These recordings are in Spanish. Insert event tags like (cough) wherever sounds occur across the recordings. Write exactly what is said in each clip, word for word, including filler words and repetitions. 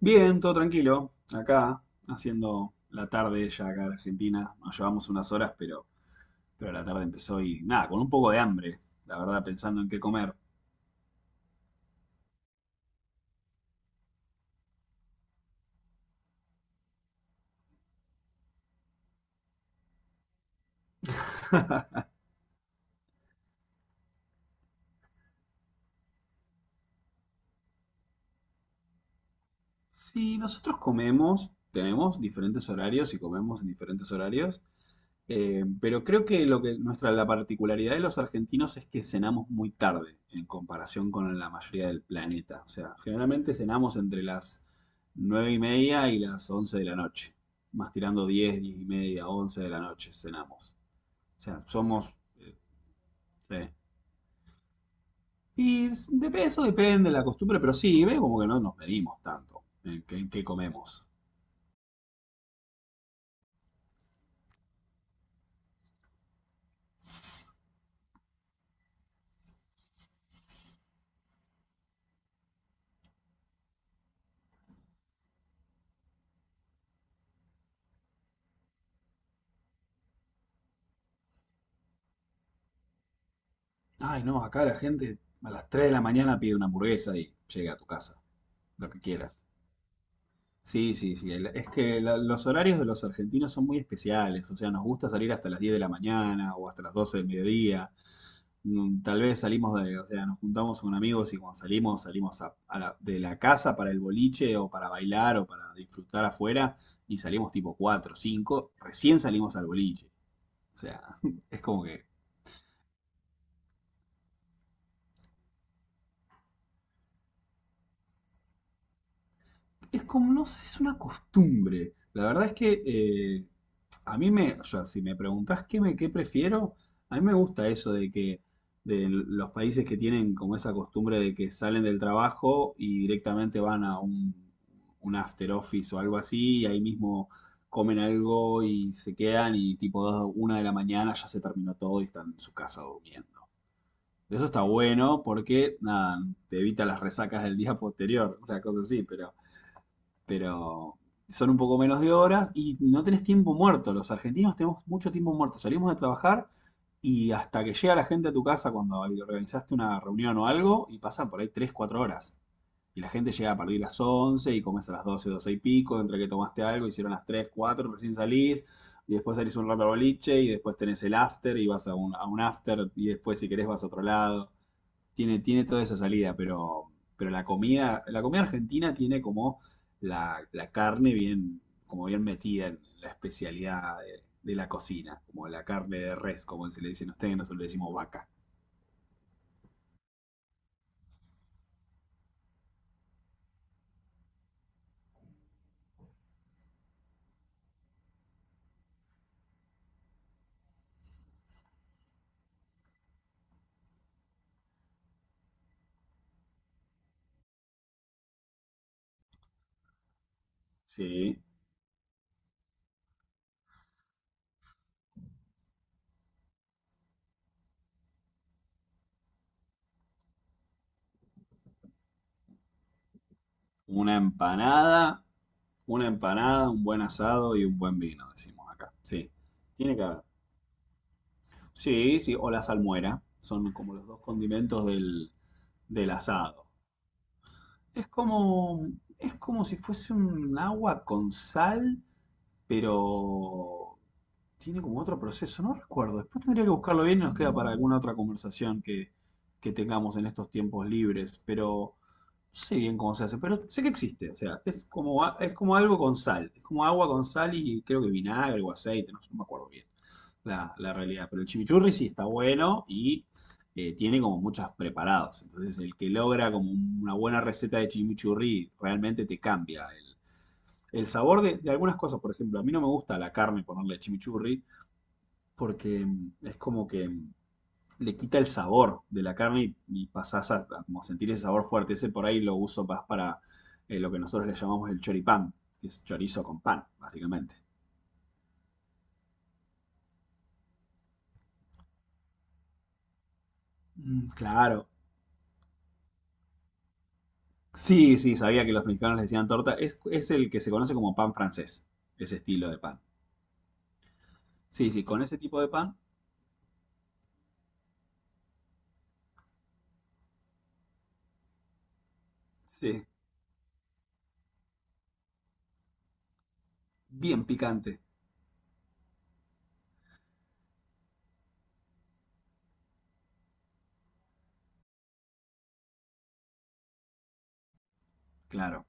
Bien, todo tranquilo. Acá, haciendo la tarde ya acá en Argentina. Nos llevamos unas horas, pero, pero la tarde empezó y nada, con un poco de hambre, la verdad, pensando en qué comer. Sí, nosotros comemos, tenemos diferentes horarios y comemos en diferentes horarios. Eh, pero creo que lo que nuestra la particularidad de los argentinos es que cenamos muy tarde en comparación con la mayoría del planeta. O sea, generalmente cenamos entre las nueve y media y las once de la noche, más tirando diez, diez y media, once de la noche cenamos. O sea, somos eh, sí. Y s- de eso depende de la costumbre, pero sí, ve como que no nos medimos tanto en qué en qué comemos. Ay, no, acá la gente a las tres de la mañana pide una hamburguesa y llega a tu casa, lo que quieras. Sí, sí, sí. el- Es que la- los horarios de los argentinos son muy especiales. O sea, nos gusta salir hasta las diez de la mañana o hasta las doce del mediodía. Mm, Tal vez salimos de, o sea, nos juntamos con amigos y cuando salimos, salimos a- a la- de la casa para el boliche o para bailar o para disfrutar afuera y salimos tipo cuatro, cinco. Recién salimos al boliche. O sea, (laughs) es como que es como, no sé, es una costumbre. La verdad es que eh, a mí me, o sea, si me preguntás qué, me, qué prefiero, a mí me gusta eso de que de los países que tienen como esa costumbre de que salen del trabajo y directamente van a un, un after office o algo así, y ahí mismo comen algo y se quedan y tipo dos, una de la mañana ya se terminó todo y están en su casa durmiendo. Eso está bueno porque, nada, te evita las resacas del día posterior, una cosa así, pero pero son un poco menos de horas y no tenés tiempo muerto. Los argentinos tenemos mucho tiempo muerto. Salimos de trabajar y hasta que llega la gente a tu casa cuando organizaste una reunión o algo y pasan por ahí tres cuatro horas. Y la gente llega a partir de las once y comes a las doce doce y pico, entre que tomaste algo, hicieron las tres cuatro recién salís. Y después salís un rato al boliche y después tenés el after y vas a un, a un after y después si querés vas a otro lado tiene, tiene toda esa salida, pero, pero la comida, la comida, argentina tiene como la, la carne bien, como bien metida en la especialidad de, de la cocina, como la carne de res, como se le dicen a ustedes, nosotros le decimos vaca. Sí. Una empanada, una empanada, un buen asado y un buen vino, decimos acá. Sí. Tiene que haber. Sí, sí, o la salmuera. Son como los dos condimentos del, del asado. Es como, es como si fuese un agua con sal, pero tiene como otro proceso, no recuerdo. Después tendría que buscarlo bien y nos queda para alguna otra conversación que, que tengamos en estos tiempos libres, pero no sé bien cómo se hace, pero sé que existe, o sea, es como, a- es como algo con sal, es como agua con sal y creo que vinagre o aceite, no, no me acuerdo bien la, la realidad. Pero el chimichurri sí está bueno y eh, tiene como muchos preparados. Entonces, el que logra como una buena receta de chimichurri realmente te cambia el, el sabor de, de algunas cosas. Por ejemplo, a mí no me gusta la carne ponerle chimichurri porque mm, es como que mm, le quita el sabor de la carne y, y pasás a, a como sentir ese sabor fuerte. Ese por ahí lo uso más para eh, lo que nosotros le llamamos el choripán, que es chorizo con pan, básicamente. Mm, claro. Sí, sí, sabía que los mexicanos le decían torta. Es, es el que se conoce como pan francés, ese estilo de pan. Sí, sí, con ese tipo de pan, sí, bien picante, claro.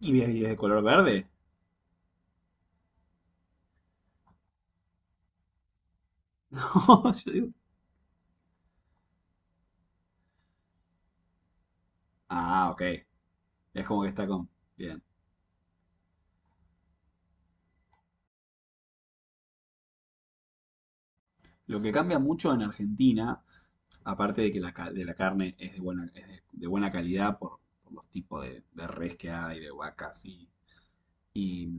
¿Y bien- y es de color verde? (laughs) Yo digo, ah, ok, es como que está con... Bien. Lo que cambia mucho en Argentina, aparte de que la, ca- de la carne es de buena, es de, de buena calidad por, por los tipos de, de res que hay, de vacas y y,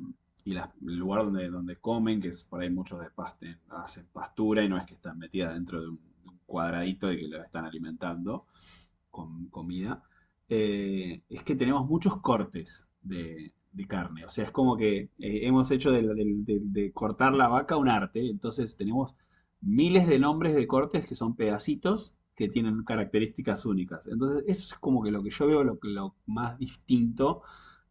y las- el lugar donde, donde comen, que es, por ahí muchos despasten, hacen pastura y no es que están metidas dentro de un, de un cuadradito de que la están alimentando con comida. Eh, es que tenemos muchos cortes de, de carne. O sea, es como que eh, hemos hecho de, la- del- del- de cortar la vaca un arte, entonces tenemos miles de nombres de cortes que son pedacitos que tienen características únicas. Entonces, eso es como que lo que yo veo lo, lo más distinto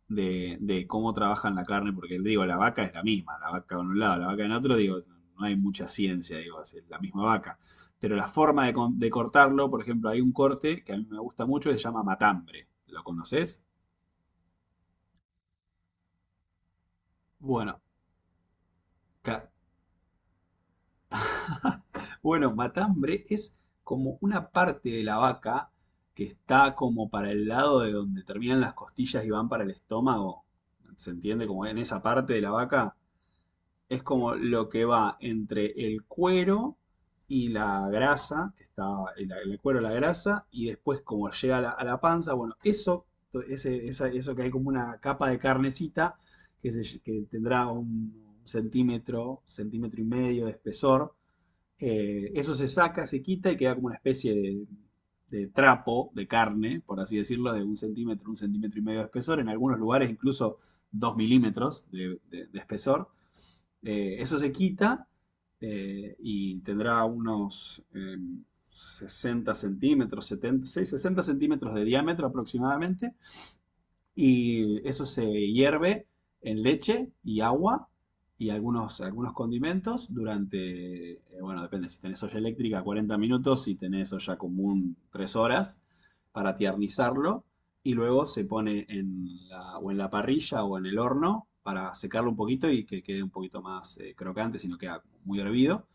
de, de cómo trabajan la carne, porque digo, la vaca es la misma, la vaca en un lado, la vaca en otro, digo, no hay mucha ciencia, digo, es la misma vaca. Pero la forma de, de cortarlo, por ejemplo, hay un corte que a mí me gusta mucho, se llama matambre. ¿Lo conoces? Bueno, ca- (laughs) bueno, matambre es como una parte de la vaca que está como para el lado de donde terminan las costillas y van para el estómago. ¿Se entiende? Como en esa parte de la vaca. Es como lo que va entre el cuero y la grasa, que está el, el cuero, la grasa, y después como llega a la, a la panza, bueno, eso, ese, esa- eso que hay como una capa de carnecita que, se- que tendrá un centímetro, centímetro y medio de espesor. Eh, eso se saca, se quita y queda como una especie de, de trapo de carne, por así decirlo, de un centímetro, un centímetro y medio de espesor, en algunos lugares incluso dos milímetros de, de- de espesor. Eh, eso se quita eh, y tendrá unos eh, sesenta centímetros, setenta, sí, sesenta centímetros de diámetro aproximadamente y eso se hierve en leche y agua y algunos, algunos condimentos durante, eh, bueno, depende, si tenés olla eléctrica cuarenta minutos, si tenés olla común tres horas para tiernizarlo y luego se pone en la, o en la parrilla o en el horno para secarlo un poquito y que quede un poquito más eh, crocante, si no queda muy hervido.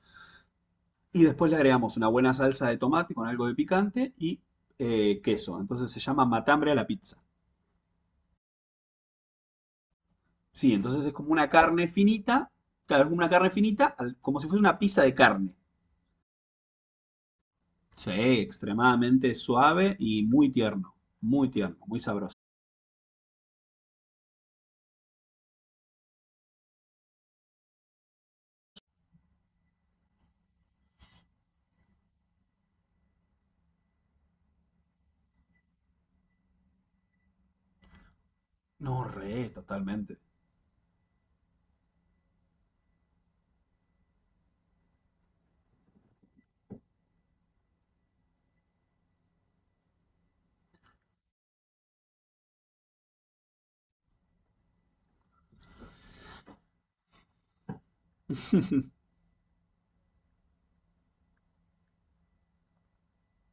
Y después le agregamos una buena salsa de tomate con algo de picante y eh, queso. Entonces se llama matambre a la pizza. Sí, entonces es como una carne finita, claro, es como una carne finita, al- como si fuese una pizza de carne. Sí, extremadamente suave y muy tierno, muy tierno, muy sabroso. No, re, totalmente. (laughs)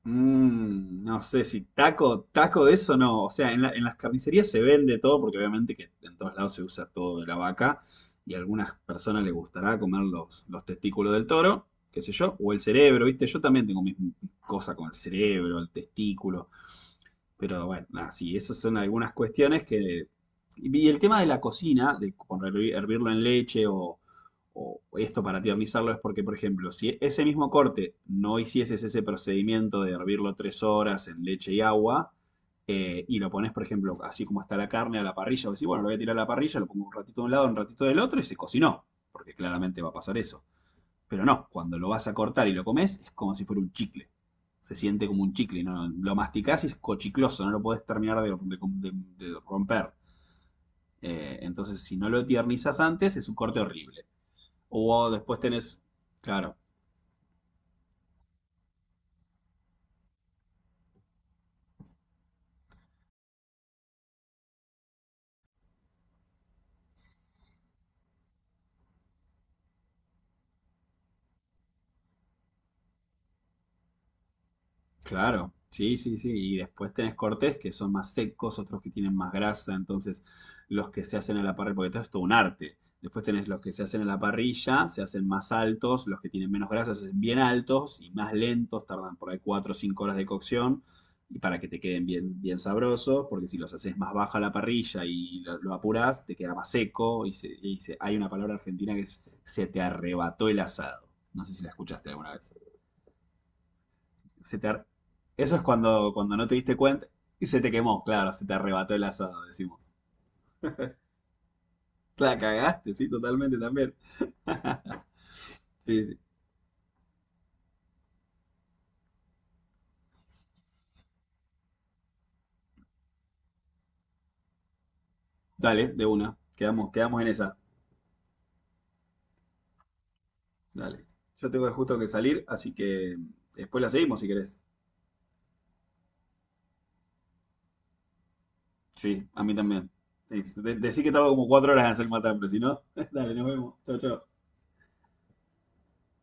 Mm, no sé si taco, taco, de eso no. O sea, en la- en las carnicerías se vende todo, porque obviamente que en todos lados se usa todo de la vaca, y a algunas personas les gustará comer los, los testículos del toro, qué sé yo, o el cerebro, ¿viste? Yo también tengo mis mis cosas con el cerebro, el testículo. Pero bueno, nada, sí, esas son algunas cuestiones que... Y el tema de la cocina, de con hervi- hervirlo en leche o, o esto para tiernizarlo, es porque, por ejemplo, si ese mismo corte no hicieses ese procedimiento de hervirlo tres horas en leche y agua. Eh, y lo pones, por ejemplo, así como está la carne a la parrilla, o decís, bueno, lo voy a tirar a la parrilla, lo pongo un ratito de un lado, un ratito del otro, y se cocinó, porque claramente va a pasar eso. Pero no, cuando lo vas a cortar y lo comes, es como si fuera un chicle. Se siente como un chicle, ¿no? No, lo masticás y es cochicloso, no lo podés terminar de, de, de, romper. Eh, entonces, si no lo tiernizas antes, es un corte horrible. O después tenés, claro. Claro, sí, sí, sí. Y después tenés cortes que son más secos, otros que tienen más grasa. Entonces, los que se hacen a la parrilla, porque todo es todo un arte. Después tenés los que se hacen a la parrilla, se hacen más altos, los que tienen menos grasa se hacen bien altos y más lentos, tardan por ahí cuatro o cinco horas de cocción y para que te queden bien, bien sabrosos, porque si los haces más baja a la parrilla y lo, lo apurás, te queda más seco y, se- y se- hay una palabra argentina que es se te arrebató el asado. No sé si la escuchaste alguna vez. se te ar- Eso es cuando, cuando no te diste cuenta y se te quemó, claro, se te arrebató el asado, decimos. La cagaste, sí, totalmente también. (laughs) Sí, sí. Dale, de una. Quedamos, quedamos en esa. Dale. Yo tengo justo que salir, así que después la seguimos si querés. Sí, a mí también. Sí, de- Decí que tardo como cuatro horas en hacer el matambre, si no, (laughs) dale, nos vemos. Chau, chau.